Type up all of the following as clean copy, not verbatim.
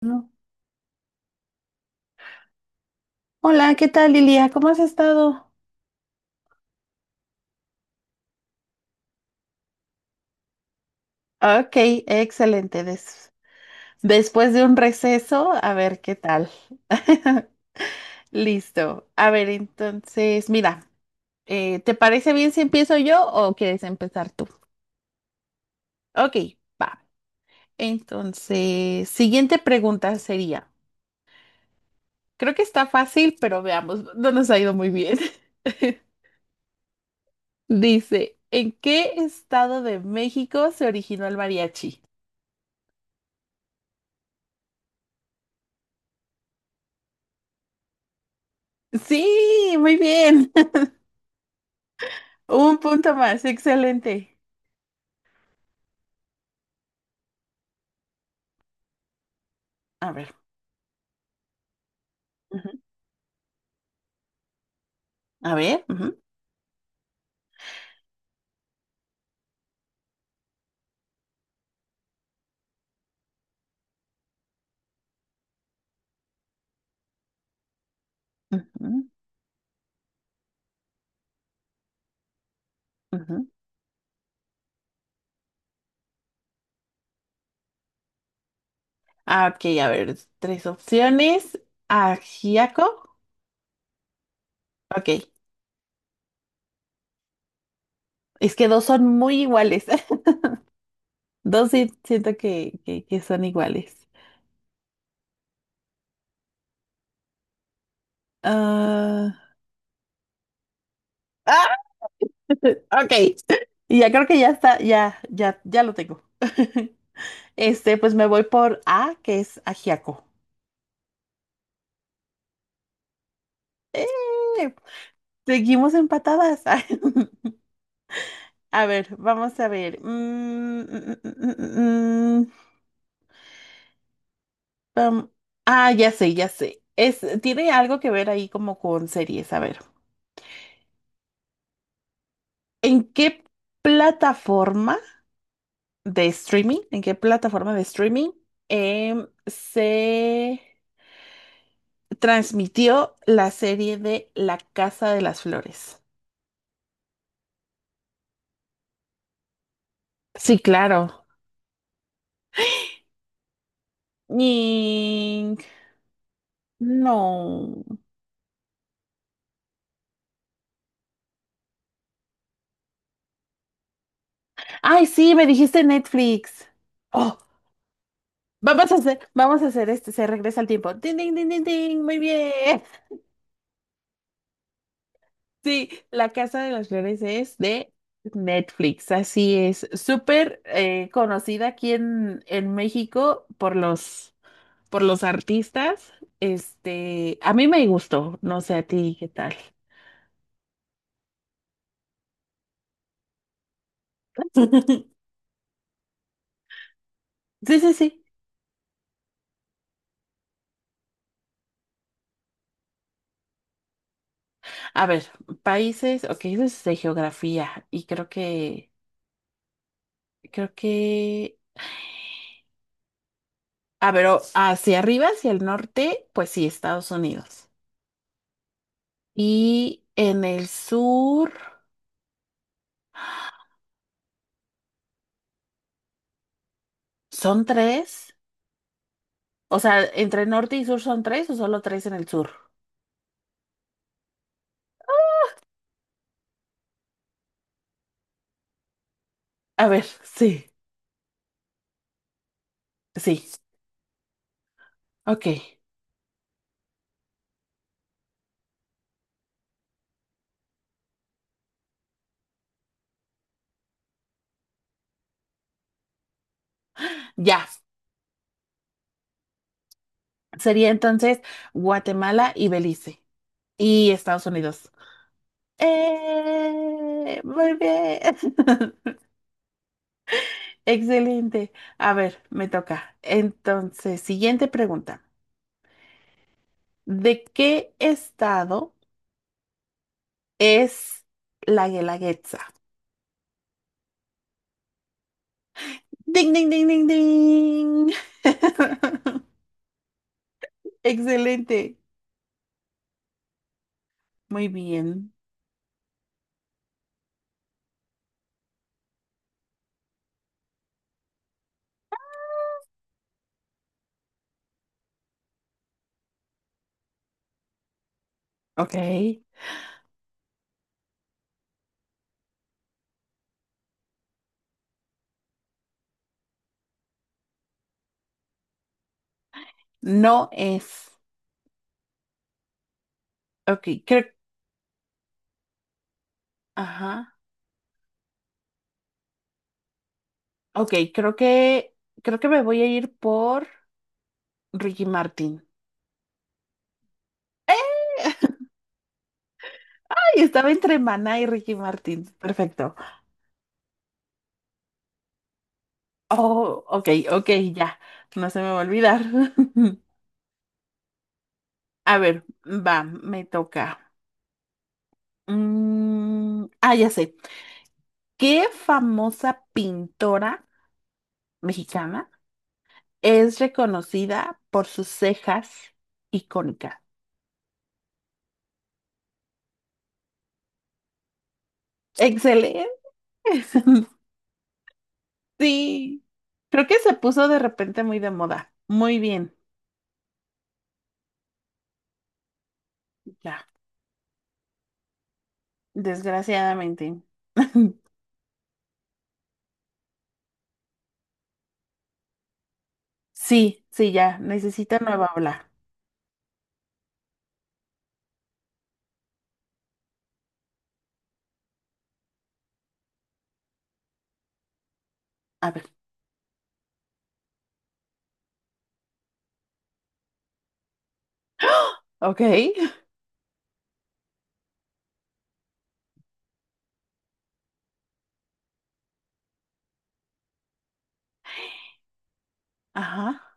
No. Hola, ¿qué tal, Lilia? ¿Cómo has estado? Ok, excelente. Después de un receso, a ver qué tal. Listo. A ver, entonces, mira, ¿te parece bien si empiezo yo o quieres empezar tú? Ok, va. Entonces, siguiente pregunta sería, creo que está fácil, pero veamos, no nos ha ido muy bien. Dice, ¿en qué estado de México se originó el mariachi? Sí, muy bien. Un punto más, excelente. A ver, ujú, a ver. Ujú, ujú, ujú. Ah, ok, a ver, tres opciones. Ajiaco. Ok, es que dos son muy iguales. Dos sí siento que son iguales. Ah, ah, ok, y ya creo que ya está, ya lo tengo. Este, pues me voy por A, que es ajiaco. ¡Eh! Seguimos empatadas. A ver, vamos a ver. Mm, mm, pam. Ah, ya sé, ya sé. Es, tiene algo que ver ahí como con series. A ver, ¿en qué plataforma de streaming, en qué plataforma de streaming se transmitió la serie de La Casa de las Flores? Sí, claro. Ning. No. Ay, sí, me dijiste Netflix. Oh, vamos a hacer, vamos a hacer este, se regresa al tiempo. Ding, ding, ding, ding, ding, muy bien. Sí, La Casa de las Flores es de Netflix, así es. Súper conocida aquí en México por los artistas. Este, a mí me gustó, no sé a ti qué tal. Sí, sí, sí. A ver, países, ok, eso es de geografía y creo que, a ver, hacia arriba, hacia el norte, pues sí, Estados Unidos. Y en el sur son tres. O sea, entre norte y sur son tres o solo tres en el sur. A ver, sí, sí. Ok, ya. Sería entonces Guatemala y Belice y Estados Unidos. ¡Eh! Muy bien. Excelente. A ver, me toca. Entonces, siguiente pregunta. ¿De qué estado es la Guelaguetza? Ding, ding, ding, ding, ding. Excelente. Muy bien. Ok. No es. Ok, creo. Ajá. Ok, creo que. Creo que me voy a ir por Ricky Martin. ¡Ay! Estaba entre Maná y Ricky Martin. Perfecto. Oh, ok, ok, ya. No se me va a olvidar. A ver, va, me toca. Mm, ah, ya sé. ¿Qué famosa pintora mexicana? Es reconocida por sus cejas icónicas. Excelente. Sí. Creo que se puso de repente muy de moda. Muy bien. Ya. Desgraciadamente. Sí, sí, ya. Necesita nueva habla. A ver. Ok. Ajá.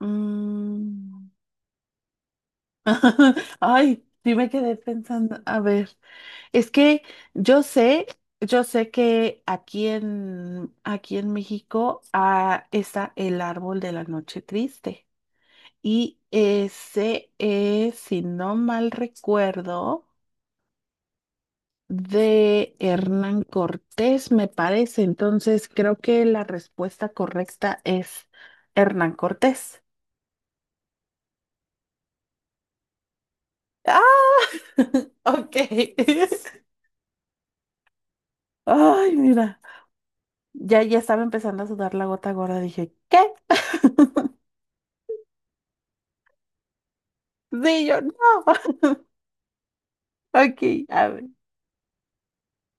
Mm. Ay, sí me quedé pensando. A ver. Es que yo sé, yo sé que aquí en, aquí en México está el árbol de la noche triste. Y ese es, si no mal recuerdo, de Hernán Cortés, me parece. Entonces creo que la respuesta correcta es Hernán Cortés. ¡Ah! Ok. Ay, mira. Ya, ya estaba empezando a sudar la gota gorda. Dije, ¿qué? Sí, yo no. Ok, a ver.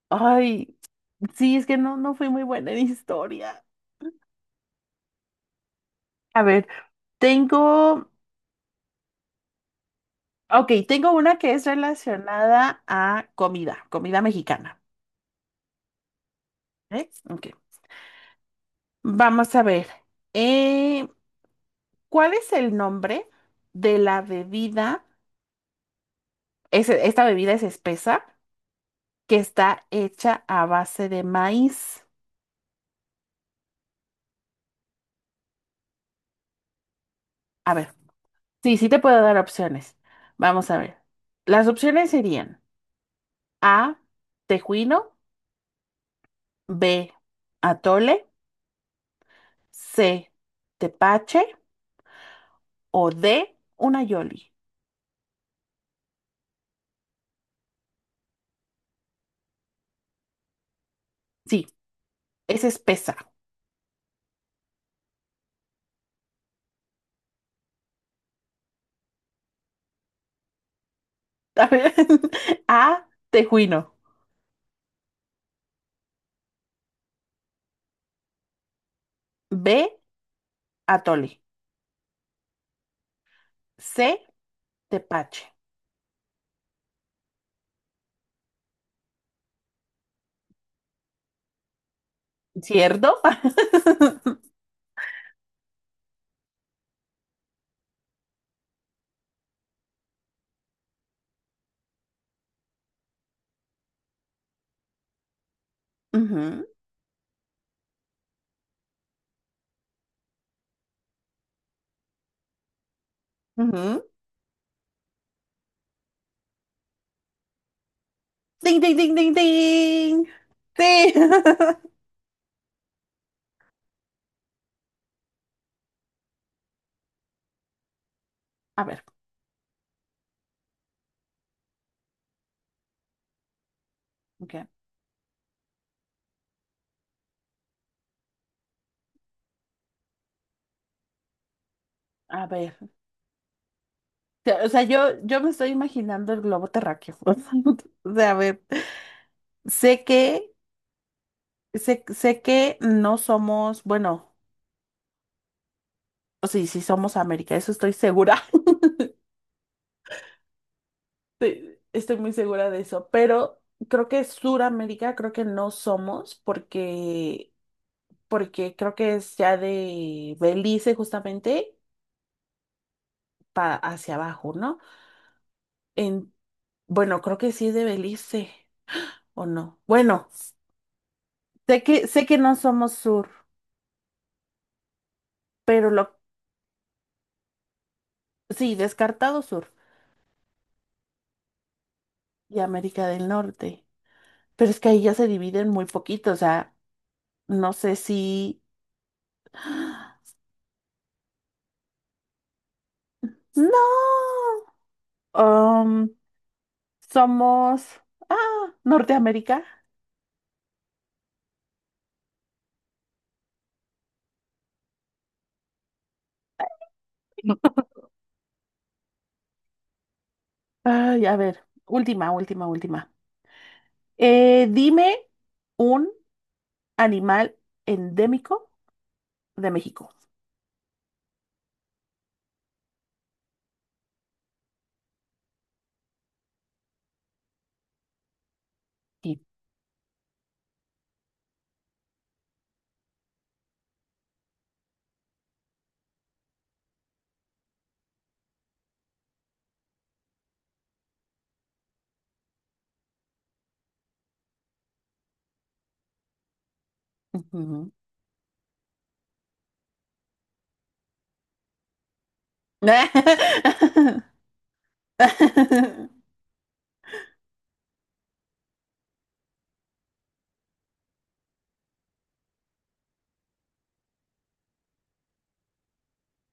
Ay, sí, es que no, no fui muy buena en historia. A ver, tengo, ok, tengo una que es relacionada a comida, comida mexicana. ¿Eh? Ok, vamos a ver. Eh, ¿Cuál es el nombre de la bebida? Esta bebida es espesa que está hecha a base de maíz. A ver, sí, sí te puedo dar opciones. Vamos a ver. Las opciones serían... A, tejuino, B, atole, C, tepache o D, una yoli. Sí, es espesa. A ver, A, tejuino, B, atole, C, tepache. ¿Cierto? Ujú, ujú. Ding, ding, ding, ding, ding. Sí. A ver, ok, a ver. O sea, yo me estoy imaginando el globo terráqueo. O sea, a ver. Sé que sé, sé que no somos, bueno, o sí, sí somos América, eso estoy segura. Sí, estoy muy segura de eso, pero creo que Suramérica creo que no somos porque, porque creo que es ya de Belice justamente para hacia abajo, ¿no? En, bueno, creo que sí es de Belice, ¿o no? Bueno, sé que no somos sur, pero lo, sí, descartado sur y América del Norte. Pero es que ahí ya se dividen muy poquito, o sea. No sé si... No. Um, somos... Ah, Norteamérica. No. Ay, a ver, última, última, última. Dime un animal endémico de México. Sí. Ujú.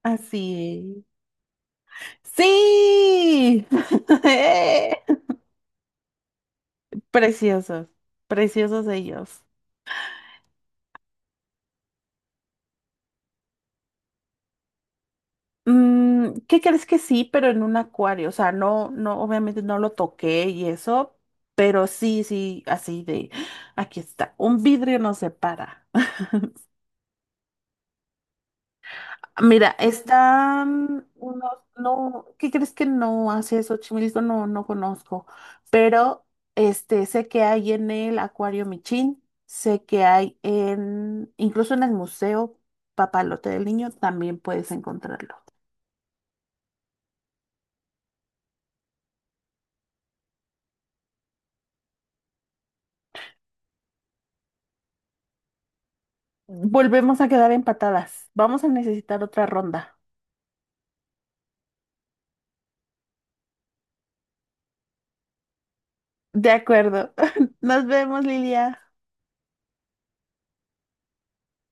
Así es. ¡Sí! Preciosos, preciosos ellos. Mm, ¿qué crees que sí, pero en un acuario? O sea, no, no, obviamente no lo toqué y eso, pero sí, sí, así de, ¡ah! Aquí está, un vidrio nos separa. Mira, están unos, no, ¿qué crees que no hace Xochimilco? No, no conozco, pero este, sé que hay en el Acuario Michín, sé que hay en, incluso en el Museo Papalote del Niño también puedes encontrarlo. Volvemos a quedar empatadas. Vamos a necesitar otra ronda. De acuerdo. Nos vemos, Lilia.